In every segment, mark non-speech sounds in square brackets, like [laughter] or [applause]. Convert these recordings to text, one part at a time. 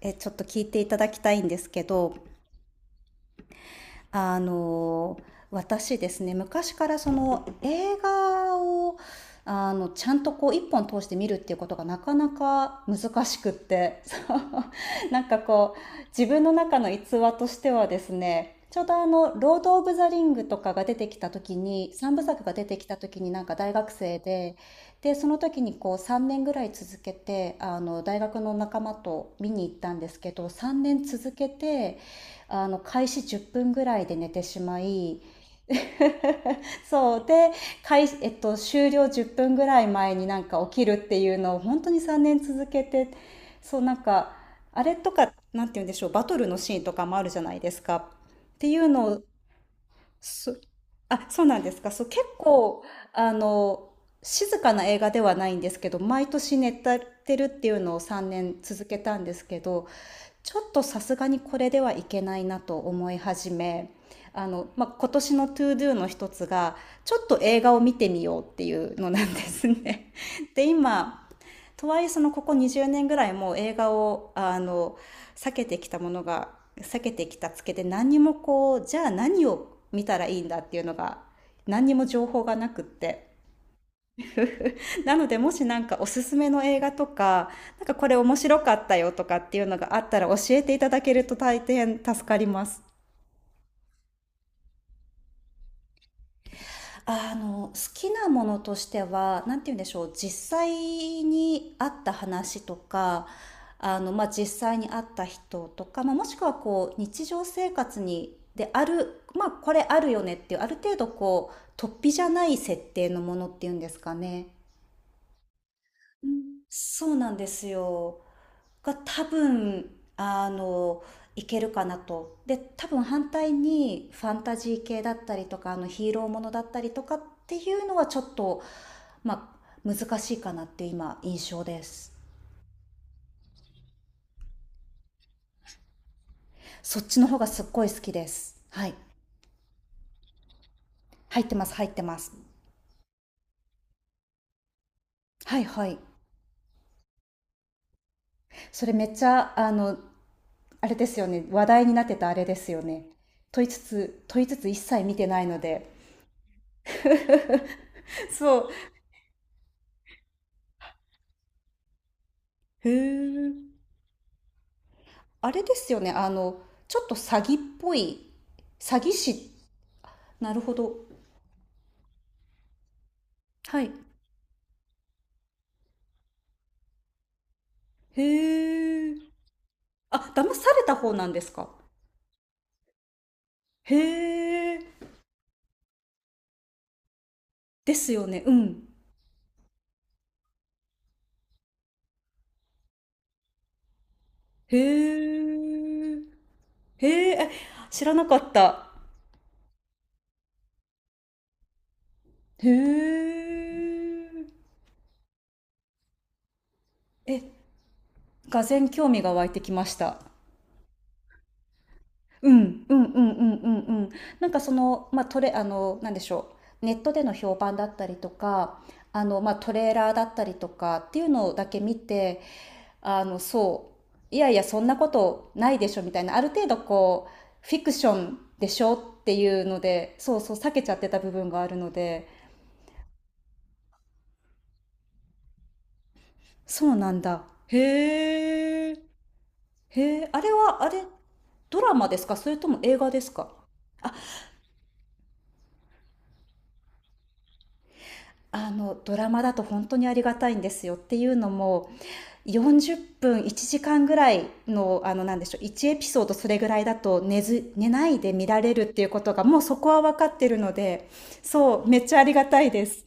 ちょっと聞いていただきたいんですけど、あの私ですね、昔からその映画をちゃんとこう一本通して見るっていうことがなかなか難しくって。そう、 [laughs] なんかこう自分の中の逸話としてはですね、ちょうど「ロード・オブ・ザ・リング」とかが出てきた時に、三部作が出てきた時に、なんか大学生で。でその時にこう3年ぐらい続けて大学の仲間と見に行ったんですけど、3年続けて、開始10分ぐらいで寝てしまい、 [laughs] そうで、開始、えっと、終了10分ぐらい前になんか起きるっていうのを本当に3年続けて。そうなんか、あれとか、なんて言うんでしょう、バトルのシーンとかもあるじゃないですか。っていうのを、そあ、そうなんですか。そう、結構、あの静かな映画ではないんですけど、毎年寝てるっていうのを3年続けたんですけど、ちょっとさすがにこれではいけないなと思い始め、まあ、今年の To-Doの一つがちょっと映画を見てみようっていうのなんですね。[laughs] で今、とはいえそのここ20年ぐらいもう映画を避けてきたものが、避けてきたつけで、何にもこう、じゃあ何を見たらいいんだっていうのが、何にも情報がなくって。なのでもしなんかおすすめの映画とか、なんかこれ面白かったよとかっていうのがあったら教えていただけると大変助かります。好きなものとしては、なんて言うんでしょう、実際にあった話とか、まあ、実際にあった人とか、まあ、もしくはこう、日常生活に、である、まあ、これあるよねっていう、ある程度こう、突飛じゃない設定のものっていうんですかね。うん、そうなんですよ。が多分、あの、いけるかなと。で、多分反対にファンタジー系だったりとか、ヒーローものだったりとかっていうのはちょっと、まあ、難しいかなっていう今、印象です。そっちの方がすっごい好きです。はい。入ってます、入ってます。はいはい。それめっちゃ、あれですよね。話題になってたあれですよね。問いつつ一切見てないので。そう。へんあれですよね、ちょっと詐欺っぽい、詐欺師。なるほど。はい。へえ。あ、騙された方なんですか。へえ。ですよね。うん。へえ。へえ。え、知らなかった。へえ。え、がぜん興味が湧いてきました。うん、うんうんうんうんうん。なんかその、まあ、トレ、あの、なんでしょう。ネットでの評判だったりとか、まあ、トレーラーだったりとかっていうのだけ見て、そう、いやいや、そんなことないでしょみたいな、ある程度こう、フィクションでしょっていうので、そうそう、避けちゃってた部分があるので、そうなんだ。へえ。へえ、あれは、あれ、ドラマですか、それとも映画ですか？ドラマだと本当にありがたいんですよっていうのも、40分1時間ぐらいの、なんでしょう、1エピソード、それぐらいだと寝ず寝ないで見られるっていうことが、もうそこは分かってるので。そうめっちゃありがたいです。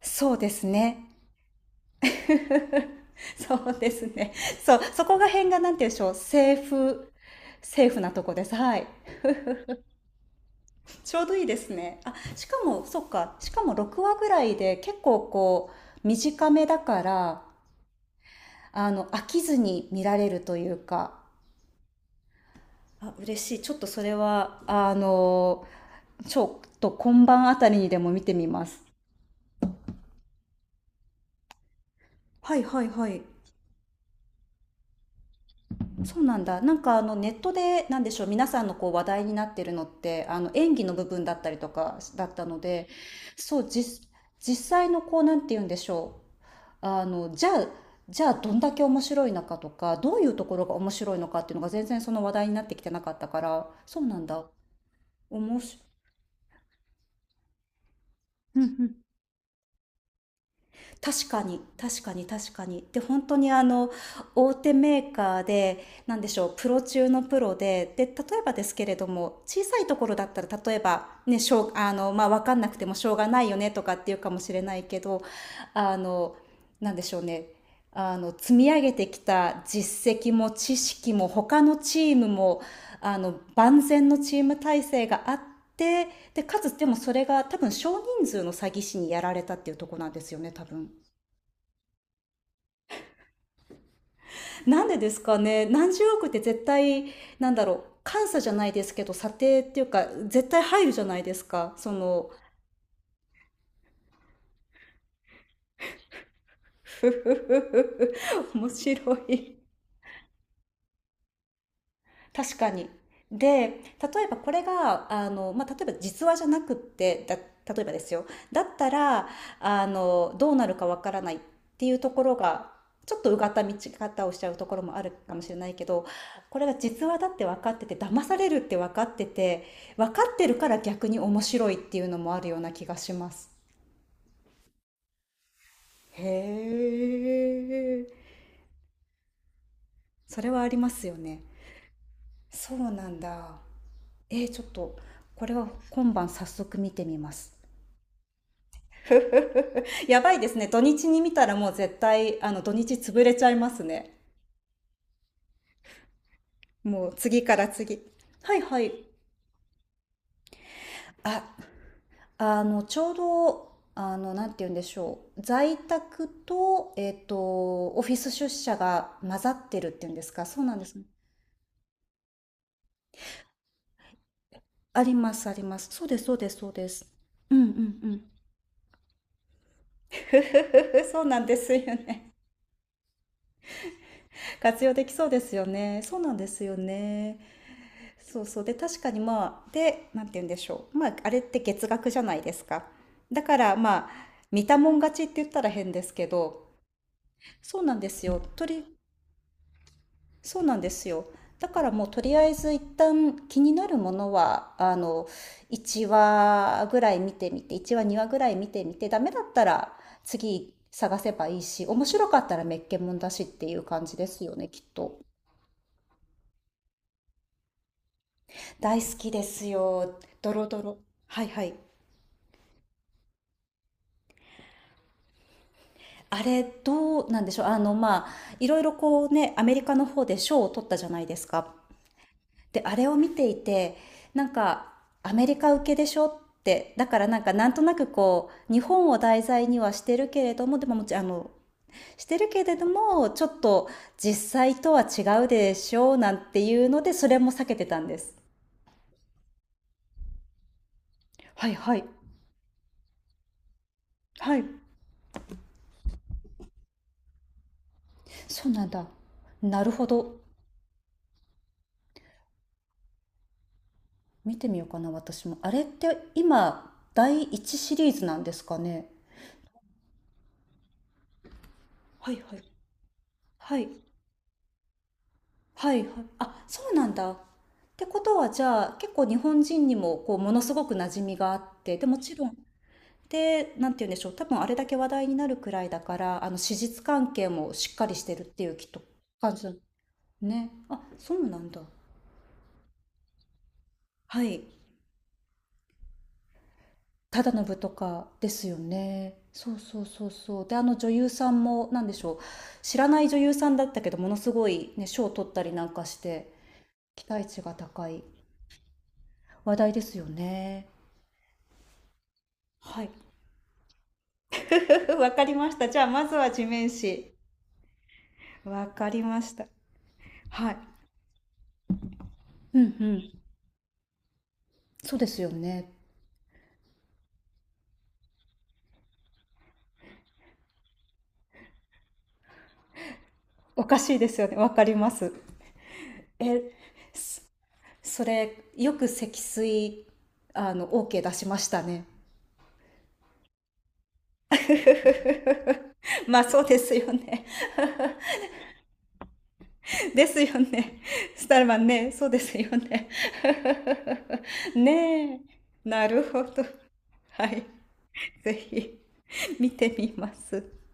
そうですね。 [laughs] そうですね。そう、そこがなんて言うんでしょう、セーフなとこです、はい。ちょうどいいですね。あ、しかもそっか、しかも6話ぐらいで結構こう短めだから、飽きずに見られるというか、あ嬉しい。ちょっとそれはちょっと今晩あたりにでも見てみます。はいはいはい、そうなんだ。なんかネットでなんでしょう、皆さんのこう話題になってるのって、演技の部分だったりとかだったので、そう、実際のこうなんて言うんでしょう。じゃあ、どんだけ面白いのかとか、どういうところが面白いのかっていうのが全然その話題になってきてなかったから、そうなんだ。おもし、うんうん、確かに、確かに、確かに。で本当に、大手メーカーでなんでしょう、プロ中のプロで、で例えばですけれども、小さいところだったら、例えばね、しょうまあ、分かんなくてもしょうがないよねとかっていうかもしれないけど、あのなんでしょうね、積み上げてきた実績も知識も他のチームも、万全のチーム体制があって、でかつ、でもそれが多分少人数の詐欺師にやられたっていうとこなんですよね、多分。なんでですかね。何十億って絶対、なんだろう、監査じゃないですけど査定っていうか、絶対入るじゃないですか、ふふふふ、面白い。確かに。で、例えばこれが、まあ、例えば実話じゃなくって、例えばですよ。だったら、どうなるかわからないっていうところが、ちょっとうがった見方をしちゃうところもあるかもしれないけど、これが実話だって分かってて、騙されるって分かってて、分かってるから逆に面白いっていうのもあるような気がします。へえ、それはありますよね。そうなんだ。ちょっと、これは今晩早速見てみます。[laughs] やばいですね。土日に見たらもう絶対、土日潰れちゃいますね。もう次から次。はいはい。あ、ちょうど、なんて言うんでしょう。在宅と、オフィス出社が混ざってるっていうんですか。そうなんですね。あります、あります。そうです、そうです、そうです。うんうんうん。[laughs] そうなんですよね。活用できそうですよね。そうなんですよね。そうそう、で確かに、まあ、でなんて言うんでしょう、まああれって月額じゃないですか。だからまあ見たもん勝ちって言ったら変ですけど、そうなんですよ。そうなんですよ、だからもうとりあえず一旦気になるものは、1話ぐらい見てみて、1話2話ぐらい見てみてダメだったら次探せばいいし、面白かったらめっけもんだしっていう感じですよね、きっと。大好きですよ、ドロドロ。はいはい。あれどうなんでしょう、まあ、いろいろこうね、アメリカの方で賞を取ったじゃないですか。であれを見ていて、なんかアメリカ受けでしょって、だからなんかなんとなくこう日本を題材にはしてるけれども、でももちろんしてるけれども、ちょっと実際とは違うでしょうなんていうので、それも避けてたんです。はいはいはい、そうなんだ。なるほど、見てみようかな。私もあれって今第1シリーズなんですかね？はいはい。はい。はいはい。あ、そうなんだ。ってことは、じゃあ、結構日本人にも、こう、ものすごく馴染みがあって、で、もちろん、なんて言うんでしょう。多分、あれだけ話題になるくらいだから、史実関係もしっかりしてるっていう、きっと、感じだね。あ、そうなんだ。はい。忠信とかですよね。そうそうそうそう。で、あの女優さんも、なんでしょう。知らない女優さんだったけど、ものすごいね、賞を取ったりなんかして、期待値が高い。話題ですよね。はい。 [laughs]。わかりました。じゃあ、まずは地面師。わかりました。はい。うんうん。そうですよね。おかしいですよね。わかります。え、そそれ、よく積水、OK 出しましたね。[laughs] まあ、そうですよね。ですよね。スタルマンね、そうですよね。[laughs] ねえ。なるほど。はい。ぜひ、見てみます。